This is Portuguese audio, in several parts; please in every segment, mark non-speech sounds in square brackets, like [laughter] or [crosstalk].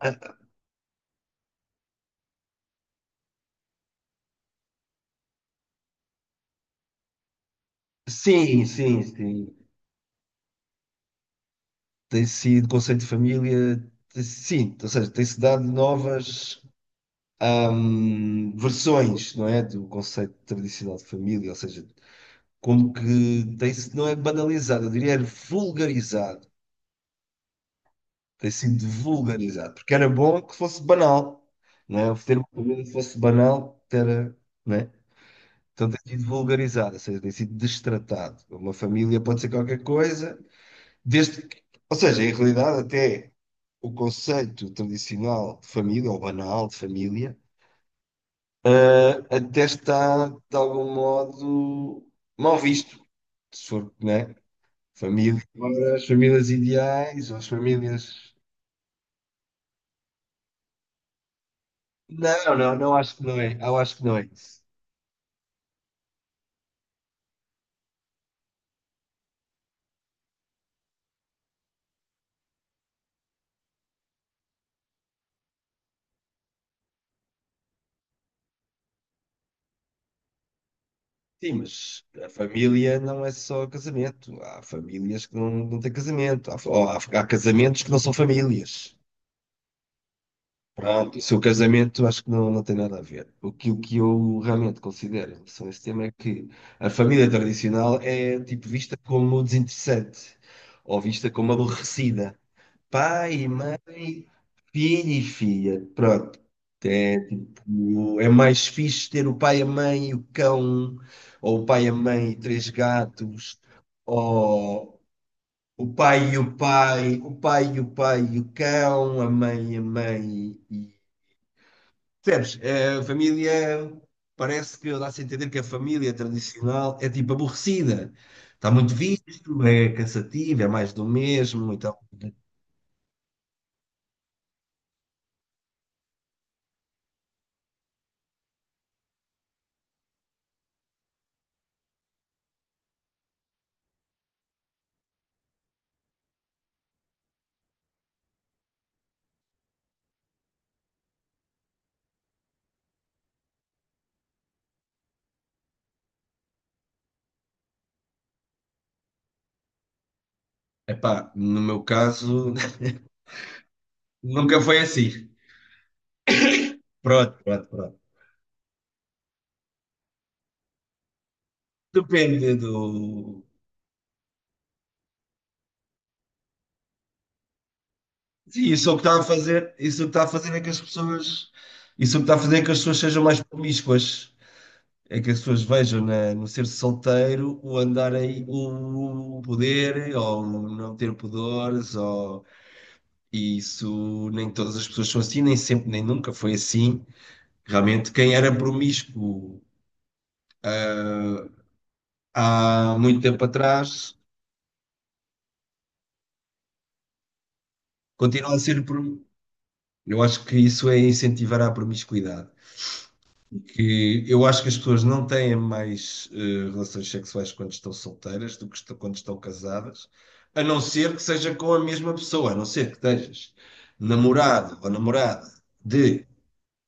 Ah, sim, sim, sim. Tem sido conceito de família, sim, ou seja, tem-se dado novas versões, não é, do conceito tradicional de família, ou seja, como que tem-se, não é banalizado, eu diria é vulgarizado, tem sido vulgarizado, porque era bom que fosse banal, não é, ter uma família fosse banal, era, não é? Então tem sido vulgarizado, ou seja, tem sido destratado. Uma família pode ser qualquer coisa, desde, ou seja, em realidade, até o conceito tradicional de família, ou banal de família, até está, de algum modo, mal visto. Se for, né? Família, agora, as famílias ideais, ou as famílias. Não, não, não acho que não é. Eu acho que não é. Sim, mas a família não é só casamento. Há famílias que não têm casamento. Ou há casamentos que não são famílias. Pronto, isso é o casamento acho que não tem nada a ver. O que eu realmente considero em relação a esse tema é que a família tradicional é tipo vista como desinteressante ou vista como aborrecida. Pai, mãe, filho e filha. Pronto. É, tipo, é mais fixe ter o pai, a mãe e o cão, ou o pai, a mãe e três gatos, ou o pai e o pai e o pai e o cão, a mãe e a mãe. Percebes? É, a família parece que dá-se a entender que a família tradicional é tipo aborrecida. Está muito visto, é cansativo, é mais do mesmo. Então, epá, no meu caso, [laughs] nunca foi assim. Pronto, pronto, pronto. Depende do. Sim, isso é o que está a fazer, isso é o que está a fazer é que as pessoas. Isso é o que está a fazer é que as pessoas sejam mais promíscuas. É que as pessoas vejam no ser solteiro o andar aí, o poder, ou não ter pudores, ou. E isso nem todas as pessoas são assim, nem sempre, nem nunca foi assim. Realmente, quem era promíscuo há muito tempo atrás continua a ser promíscuo. Eu acho que isso é incentivar a promiscuidade. Que eu acho que as pessoas não têm mais relações sexuais quando estão solteiras do que quando estão casadas, a não ser que seja com a mesma pessoa, a não ser que estejas namorado ou namorada de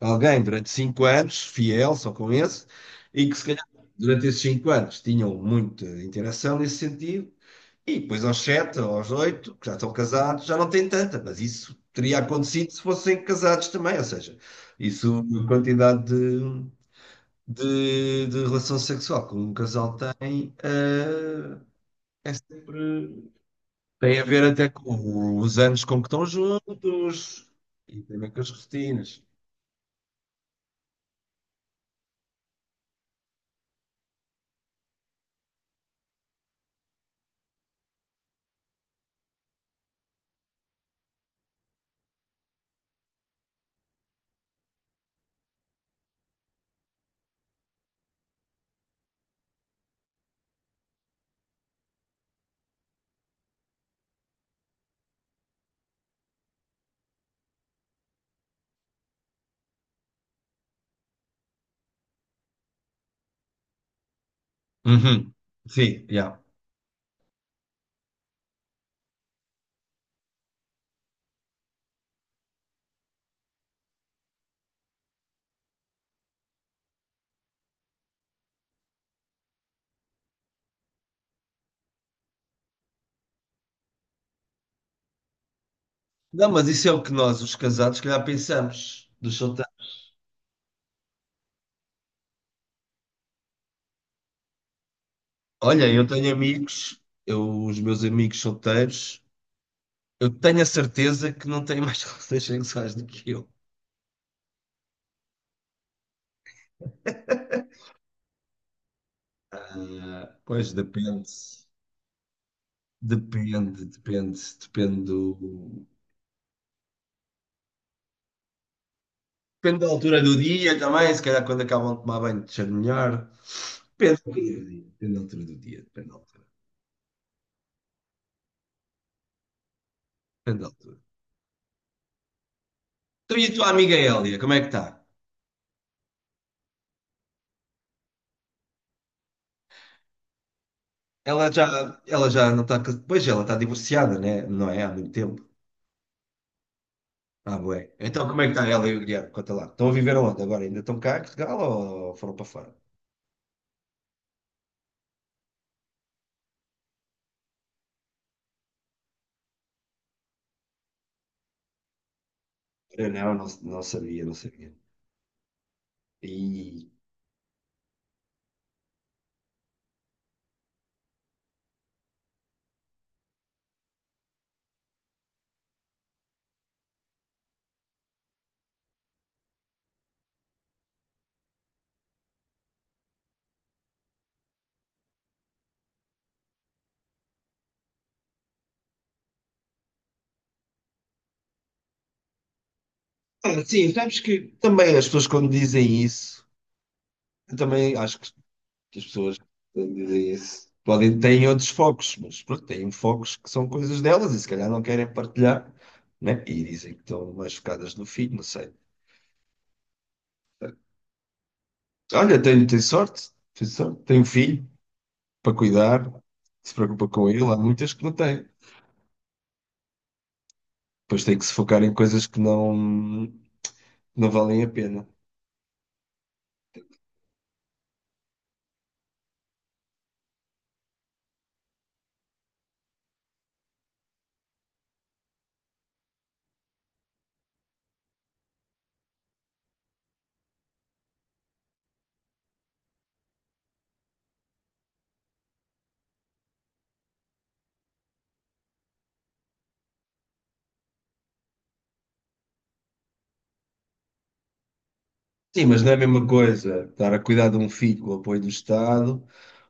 alguém durante 5 anos, fiel só com esse, e que se calhar durante esses 5 anos tinham muita interação nesse sentido, e depois aos sete, aos oito, que já estão casados, já não tem tanta, mas isso teria acontecido se fossem casados também, ou seja, isso a quantidade de relação sexual que um casal tem, é sempre. Tem a ver até com os anos com que estão juntos e também com as rotinas. Uhum. Sim, já. Não, mas isso é o que nós, os casados, se calhar pensamos dos solteiros. Olha, eu tenho amigos, os meus amigos solteiros, eu tenho a certeza que não têm mais [laughs] relações sexuais do que eu. Ah, pois depende. Depende do. Depende da altura do dia também, se calhar quando acabam de tomar banho deixa melhor. Depende da altura do dia, Depende da altura. Então e a tua amiga Hélia, como é que está? Ela já não está. Pois ela está divorciada, né? Não é? Há muito tempo. Ah, bué. Então como é que está ela e o Guilherme? Conta lá. Estão a viver onde agora? Ainda estão cá em Portugal ou foram para fora? Eu não sabia, não sabia. E. Ah, sim, sabes que também as pessoas quando dizem isso, eu também acho que as pessoas quando dizem isso podem, têm outros focos, mas pronto, têm focos que são coisas delas e se calhar não querem partilhar, né? E dizem que estão mais focadas no filho, não sei. Olha, tenho sorte, tenho sorte. Tenho um filho para cuidar, se preocupa com ele. Há muitas que não têm. Depois tem que se focar em coisas que não valem a pena. Sim, mas não é a mesma coisa estar a cuidar de um filho com o apoio do Estado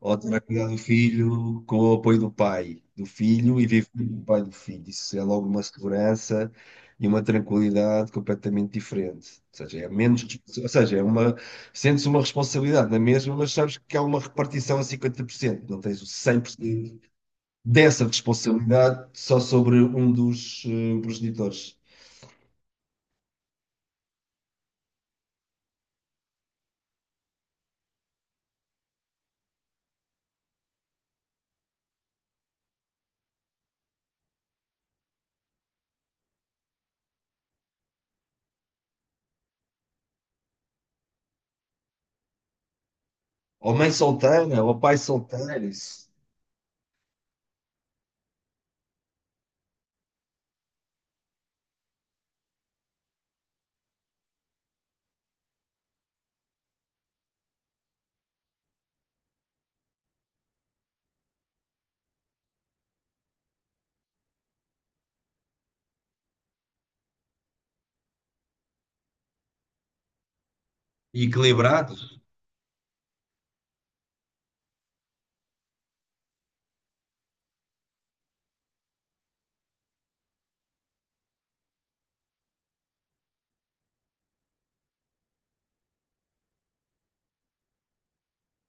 ou estar a cuidar do filho com o apoio do pai do filho e viver com o pai do filho. Isso é logo uma segurança e uma tranquilidade completamente diferente. Ou seja, é menos, ou seja, é uma, sentes uma responsabilidade na mesma, mas sabes que há uma repartição a 50%. Não tens o 100% dessa responsabilidade só sobre um dos progenitores. Ou mãe solteira, ou pai solteiro, isso. E equilibrado.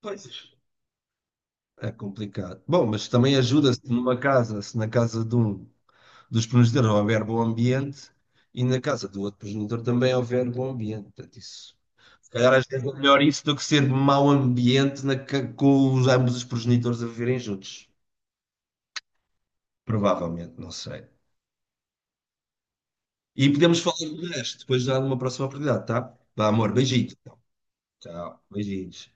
Pois. É complicado. Bom, mas também ajuda-se numa casa, se na casa de um dos progenitores houver bom ambiente e na casa do outro progenitor também houver bom ambiente. Portanto, isso. Se calhar às vezes é melhor isso do que ser mau ambiente com ambos os progenitores a viverem juntos. Provavelmente, não sei. E podemos falar do resto, depois dá uma próxima oportunidade, tá? Vá, amor, beijinho. Tchau, beijinhos.